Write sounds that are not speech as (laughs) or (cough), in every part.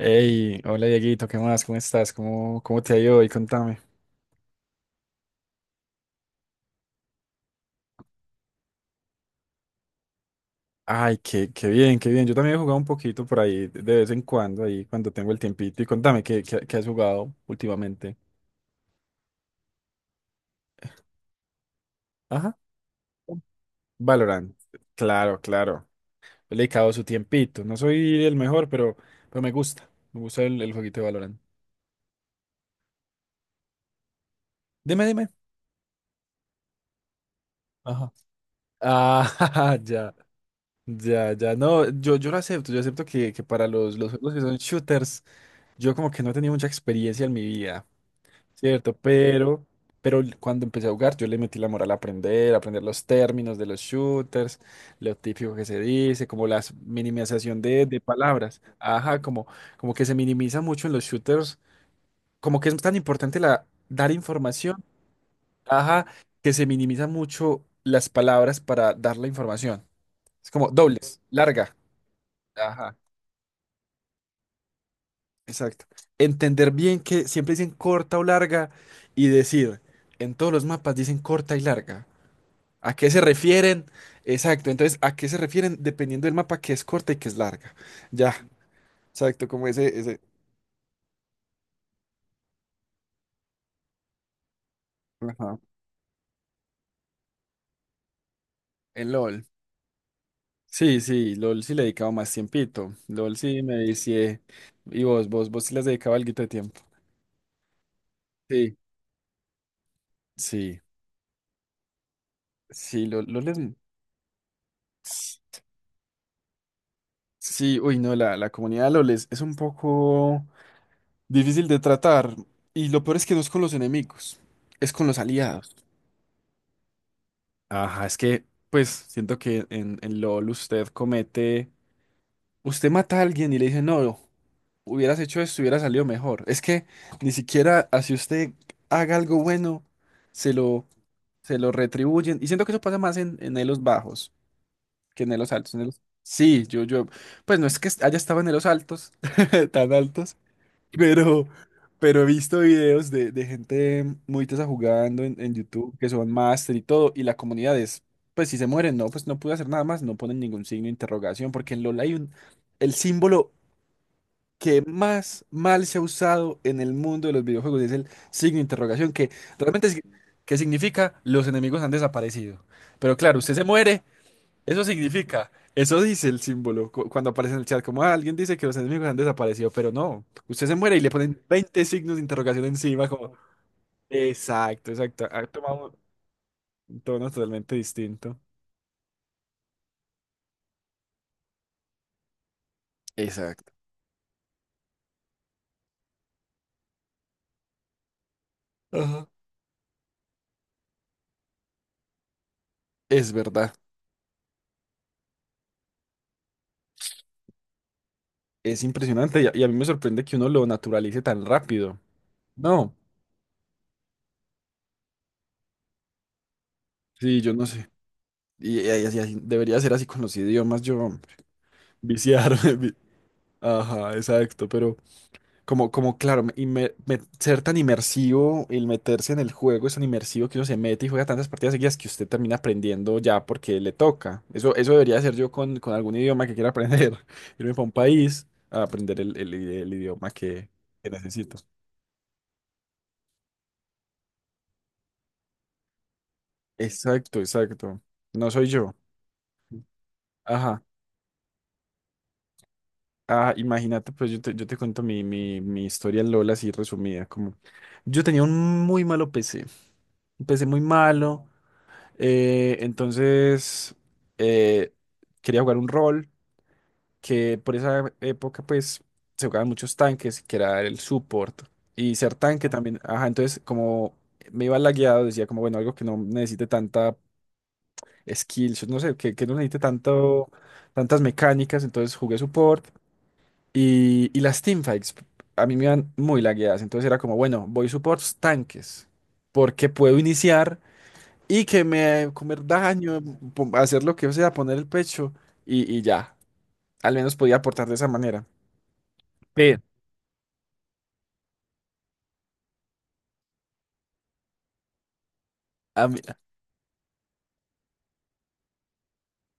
Hey, hola Dieguito, ¿qué más? ¿Cómo estás? ¿Cómo te ha ido hoy? Contame. Ay, qué bien, qué bien. Yo también he jugado un poquito por ahí de vez en cuando, ahí cuando tengo el tiempito. Y contame, ¿qué has jugado últimamente? Ajá. Valorant. Claro, claro. Le he dedicado su tiempito. No soy el mejor, pero me gusta. Me gusta el jueguito de Valorant. Dime, dime. Ajá. Ah, (laughs) ya. Ya, ya, no, yo lo acepto, yo acepto que para los juegos que son shooters, yo como que no he tenido mucha experiencia en mi vida. Cierto, pero cuando empecé a jugar, yo le metí la moral a aprender los términos de los shooters, lo típico que se dice, como la minimización de palabras. Ajá, como que se minimiza mucho en los shooters, como que es tan importante dar información, ajá, que se minimiza mucho las palabras para dar la información. Es como dobles, larga. Ajá, exacto. Entender bien que siempre dicen corta o larga y decir, en todos los mapas dicen corta y larga. ¿A qué se refieren? Exacto, entonces, ¿a qué se refieren? Dependiendo del mapa, que es corta y que es larga. Ya, exacto, como ese, ajá, en LOL. Sí, sí, LOL sí le he dedicado más tiempito. LOL sí me decía, y vos sí le has dedicado algo de tiempo. Sí. Sí, sí, LOL, es... Sí, uy, no, la comunidad de LOL es un poco difícil de tratar, y lo peor es que no es con los enemigos, es con los aliados. Ajá, es que, pues, siento que en LOL usted comete, usted mata a alguien y le dice, no, hubieras hecho esto, hubiera salido mejor. Es que ni siquiera así usted haga algo bueno, se lo, se lo retribuyen. Y siento que eso pasa más en, elos bajos que en elos altos. En elos... Sí, yo, pues no es que haya estado en elos altos, (laughs) tan altos, (laughs) Pero, pero he visto videos de gente muy tesa jugando en YouTube que son máster y todo, y la comunidad es, pues si se mueren, no, pues no pude hacer nada más, no ponen ningún signo de interrogación, porque en LoL hay un, el símbolo que más mal se ha usado en el mundo de los videojuegos es el signo de interrogación, que realmente es, que significa los enemigos han desaparecido. Pero claro, usted se muere eso significa, eso dice el símbolo cuando aparece en el chat, como "Ah, alguien dice que los enemigos han desaparecido, pero no, usted se muere y le ponen 20 signos de interrogación encima, como, exacto, exacto, ha tomado un tono totalmente distinto. Exacto. Ajá. Es verdad, es impresionante y a, mí me sorprende que uno lo naturalice tan rápido. No, sí, yo no sé. Y así, debería ser así con los idiomas, yo viciar. (laughs) vi- Ajá, exacto, pero Como, claro, ser tan inmersivo, el meterse en el juego es tan inmersivo que uno se mete y juega tantas partidas seguidas que usted termina aprendiendo ya porque le toca. Eso debería ser yo con, algún idioma que quiera aprender. (laughs) Irme para un país a aprender el, el idioma que necesito. Exacto, exacto. No soy yo. Ajá. Ah, imagínate, pues yo te, cuento mi historia en LOL así resumida. Como yo tenía un muy malo PC, un PC muy malo. Entonces, eh, quería jugar un rol que por esa época, pues, se jugaban muchos tanques, que era el support. Y ser tanque ah, también, ajá, entonces como me iba lagueado, decía como, bueno, algo que no necesite tanta skills, no sé, que no necesite tantas mecánicas, entonces jugué support. Y las teamfights a mí me iban muy lagueadas, entonces era como, bueno, voy supports tanques, porque puedo iniciar y que me comer daño, pum, hacer lo que sea, poner el pecho y ya. Al menos podía aportar de esa manera. Sí. A mí-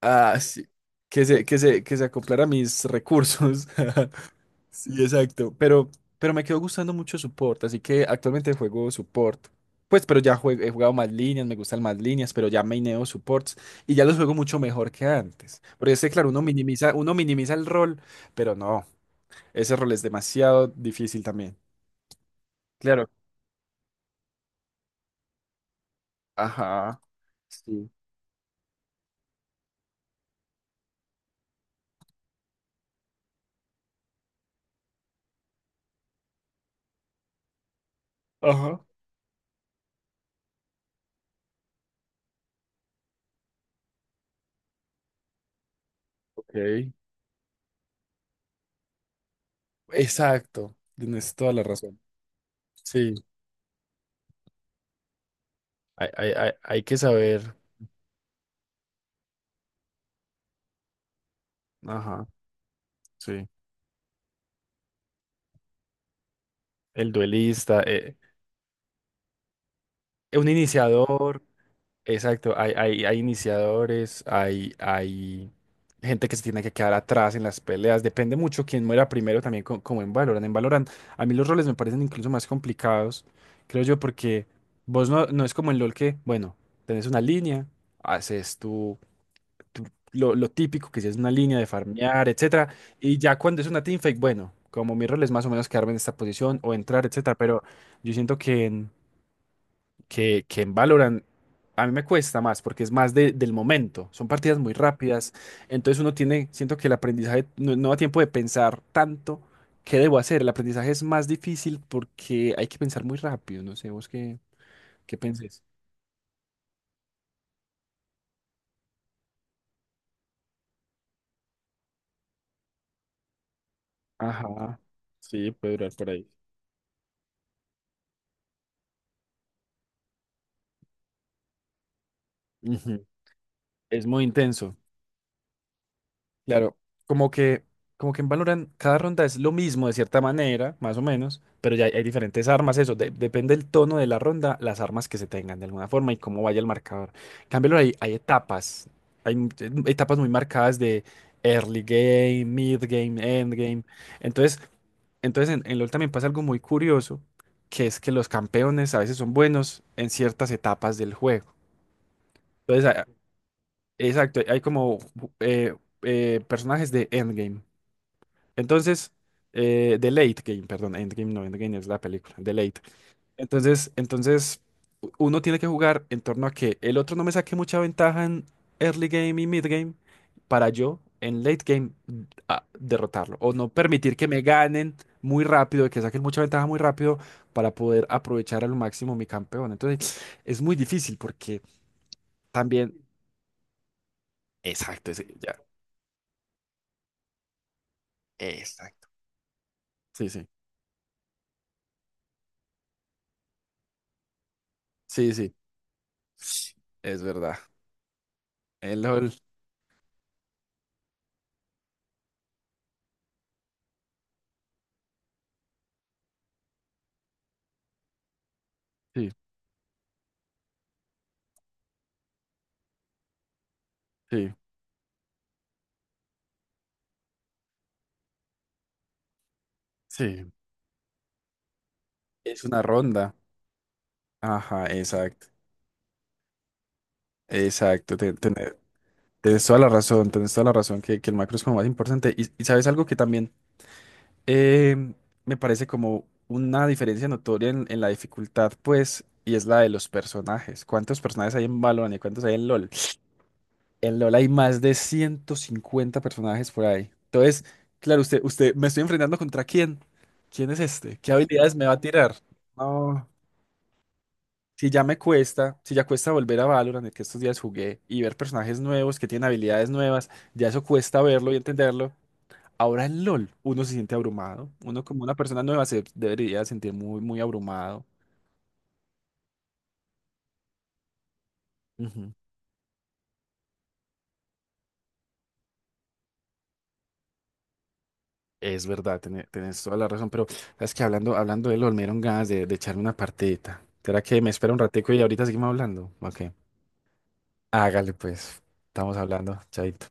sí, que se acoplara a mis recursos. (laughs) Sí, exacto. Pero me quedó gustando mucho support, así que actualmente juego support. Pues, pero ya he jugado más líneas, me gustan más líneas, pero ya maineo supports y ya los juego mucho mejor que antes. Porque este, claro, uno minimiza el rol, pero no, ese rol es demasiado difícil también. Claro, ajá, sí, ajá. Ok. Exacto, tienes toda la razón. Sí, hay que saber. Ajá, sí. El duelista, un iniciador, exacto, hay iniciadores, hay gente que se tiene que quedar atrás en las peleas, depende mucho quién muera primero también como en Valorant. En Valorant a mí los roles me parecen incluso más complicados, creo yo, porque vos no es como en LoL que, bueno, tenés una línea, haces tú- lo típico que si es una línea de farmear, etcétera. Y ya cuando es una teamfight, bueno, como mi rol es más o menos quedarme en esta posición o entrar, etcétera. Pero yo siento que que en Valorant a mí me cuesta más porque es más del momento. Son partidas muy rápidas. Entonces uno tiene, siento que el aprendizaje no da tiempo de pensar tanto. ¿Qué debo hacer? El aprendizaje es más difícil porque hay que pensar muy rápido. No sé, vos qué, pensés. Ajá. Sí, puede durar por ahí. Ujú. Es muy intenso. Claro, como que, como que en Valorant cada ronda es lo mismo de cierta manera, más o menos, pero ya hay diferentes armas, eso, depende del tono de la ronda, las armas que se tengan de alguna forma y cómo vaya el marcador. En cambio, ahora hay etapas, etapas muy marcadas de early game, mid game, end game. Entonces, entonces en LoL también pasa algo muy curioso, que es que los campeones a veces son buenos en ciertas etapas del juego. Entonces, exacto, hay como eh, personajes de endgame. Entonces, The Late Game, perdón, Endgame no, Endgame es la película, The Late. Entonces, entonces, uno tiene que jugar en torno a que el otro no me saque mucha ventaja en early game y mid game para yo en late game, derrotarlo o no permitir que me ganen muy rápido, que saquen mucha ventaja muy rápido para poder aprovechar al máximo mi campeón. Entonces, es muy difícil porque también... Exacto, sí, ya. Exacto. Sí, sí, sí, sí, es verdad. El LOL, sí. Sí, sí, es una ronda. Ajá, exacto, exacto, tienes toda la razón, tienes toda la razón que el macro es como más importante. Y sabes algo que también em, me parece como una diferencia notoria en, la dificultad, pues, y es la de los personajes. ¿Cuántos personajes hay en Valorant y cuántos hay en LOL? En LOL hay más de 150 personajes por ahí. Entonces, claro, usted, ¿me estoy enfrentando contra quién? ¿Quién es este? ¿Qué habilidades me va a tirar? No. Si ya cuesta volver a Valorant, el que estos días jugué, y ver personajes nuevos que tienen habilidades nuevas, ya eso cuesta verlo y entenderlo. Ahora en LOL uno se siente abrumado. Uno como una persona nueva se debería sentir muy, muy abrumado. Ujú. Es verdad, tienes toda la razón, pero sabes que hablando de LOL me dieron ganas de echarme una partidita. ¿Será que me espera un ratico y ahorita seguimos hablando? Ok. Hágale pues, estamos hablando, chaito.